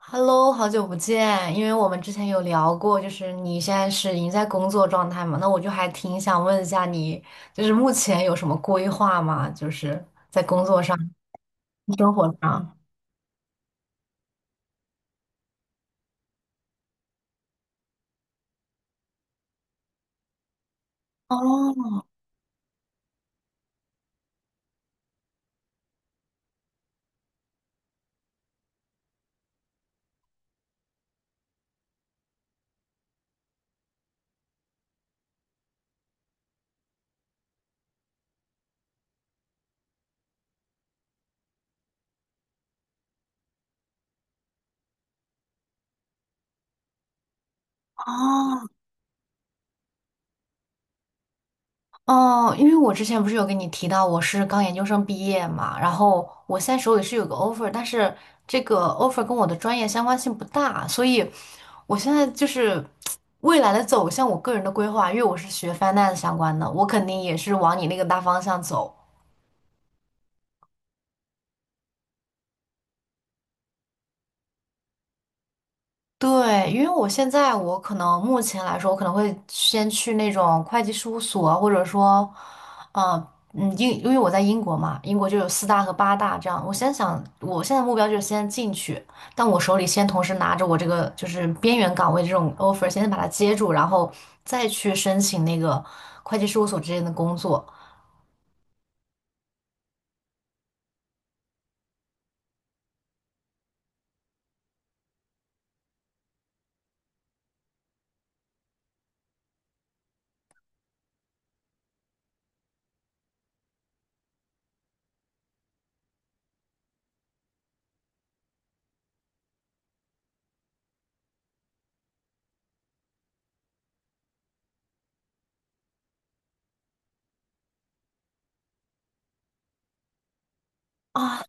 Hello，好久不见，因为我们之前有聊过，就是你现在是已经在工作状态嘛，那我就还挺想问一下你，就是目前有什么规划吗？就是在工作上、生活上。哦哦，哦，因为我之前不是有跟你提到我是刚研究生毕业嘛，然后我现在手里是有个 offer，但是这个 offer 跟我的专业相关性不大，所以我现在就是未来的走向，我个人的规划，因为我是学 finance 相关的，我肯定也是往你那个大方向走。对，因为我现在我可能目前来说，我可能会先去那种会计事务所，或者说，呃，因为我在英国嘛，英国就有四大和八大这样。我先想，我现在目标就是先进去，但我手里先同时拿着我这个就是边缘岗位这种 offer，先把它接住，然后再去申请那个会计事务所之间的工作啊。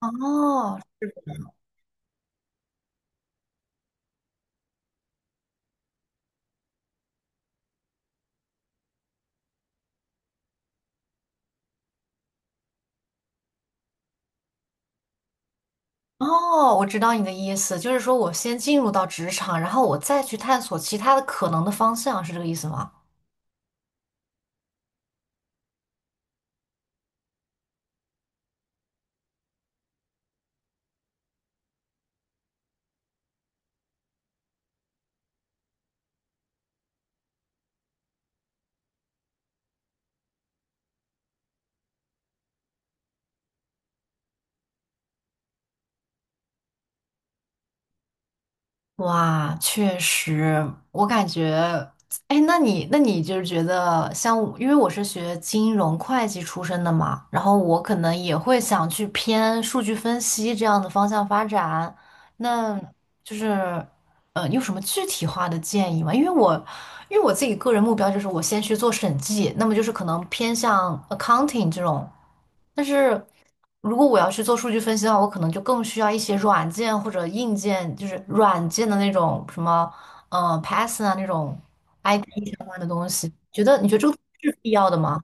哦，哦，我知道你的意思，就是说我先进入到职场，然后我再去探索其他的可能的方向，是这个意思吗？哇，确实，我感觉，哎，那你就是觉得像我因为我是学金融会计出身的嘛，然后我可能也会想去偏数据分析这样的方向发展。那就是，你有什么具体化的建议吗？因为我自己个人目标就是我先去做审计，那么就是可能偏向 accounting 这种。但是如果我要去做数据分析的话，我可能就更需要一些软件或者硬件，就是软件的那种什么，Python 啊那种 IT 相关的东西。你觉得这个是必要的吗？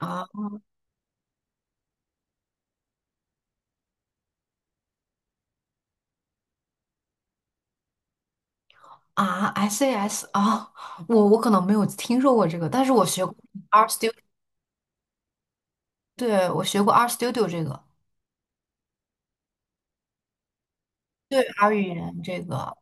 啊啊，SAS 啊，我可能没有听说过这个，但是我学过 R Studio，对，我学过 R Studio 这个，对 R 语言这个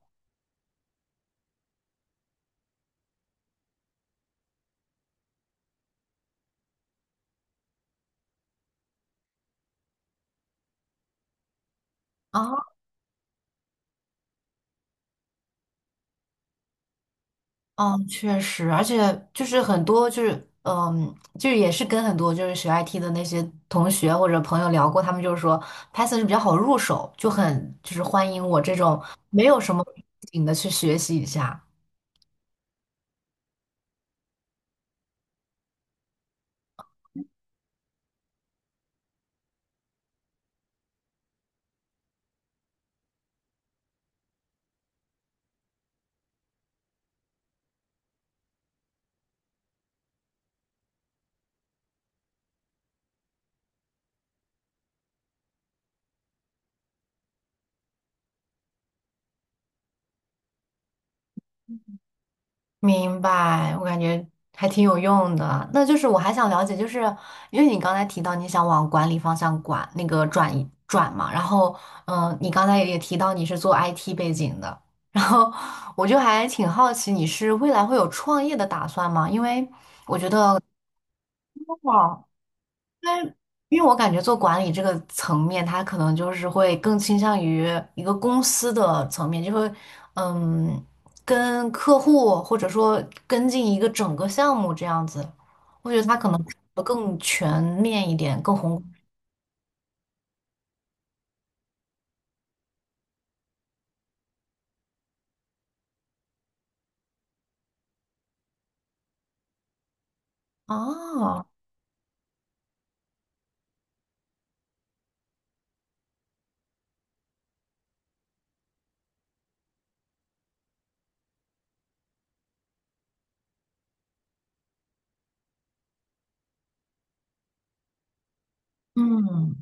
啊。嗯，确实，而且就是很多就是，就是也是跟很多就是学 IT 的那些同学或者朋友聊过，他们就是说 Python 是比较好入手，就很就是欢迎我这种没有什么背景的去学习一下。明白，我感觉还挺有用的。那就是我还想了解，就是因为你刚才提到你想往管理方向管，那个转移转嘛，然后你刚才也提到你是做 IT 背景的，然后我就还挺好奇你是未来会有创业的打算吗？我觉得因为我感觉做管理这个层面，他可能就是会更倾向于一个公司的层面，就会嗯，跟客户或者说跟进一个整个项目这样子。我觉得他可能更全面一点，更宏观啊，嗯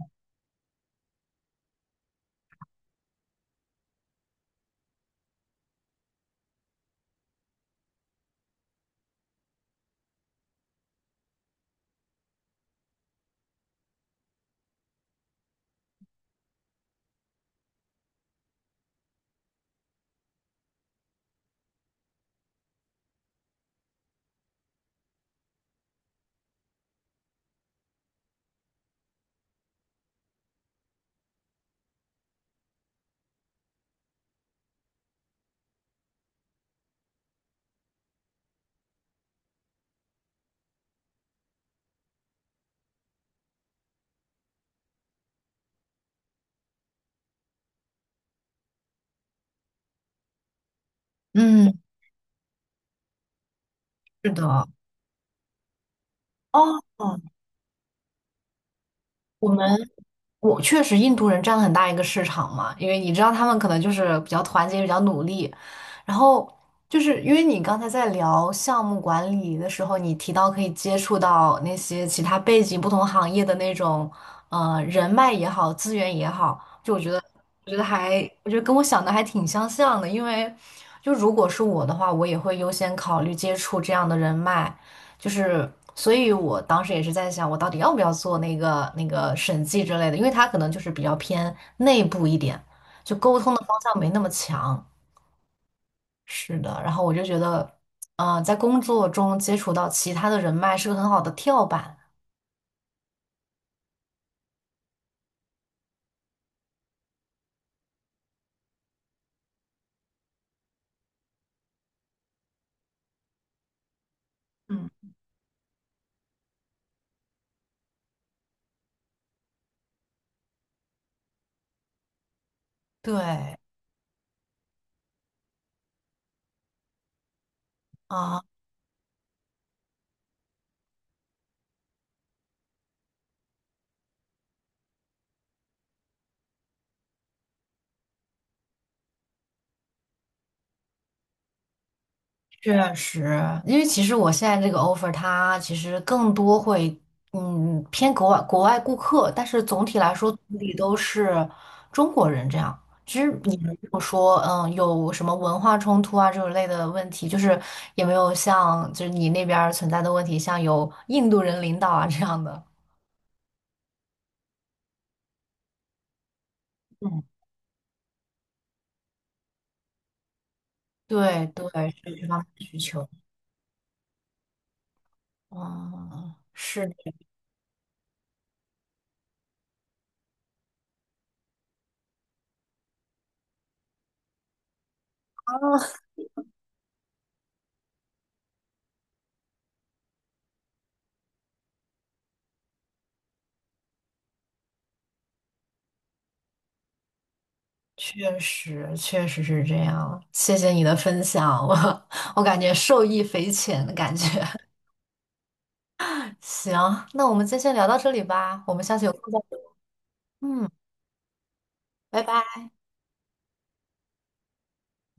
嗯，是的，哦，我们。我确实，印度人占了很大一个市场嘛，因为你知道他们可能就是比较团结、比较努力。然后就是因为你刚才在聊项目管理的时候，你提到可以接触到那些其他背景、不同行业的那种人脉也好、资源也好，就我觉得跟我想的还挺相像的。因为就如果是我的话，我也会优先考虑接触这样的人脉，就是，所以我当时也是在想，我到底要不要做那个审计之类的，因为他可能就是比较偏内部一点，就沟通的方向没那么强。是的，然后我就觉得，在工作中接触到其他的人脉是个很好的跳板。嗯，对啊，确实，因为其实我现在这个 offer 它其实更多会，偏国外顾客，但是总体都是中国人这样。其实也没有说，有什么文化冲突啊这种类的问题，就是也没有像就是你那边儿存在的问题，像有印度人领导啊这样的。嗯，对对，是这方面的需求。嗯，是的。确实，确实是这样。谢谢你的分享，我感觉受益匪浅的感觉。行，那我们今天先聊到这里吧，我们下次有空再聊。嗯，拜拜。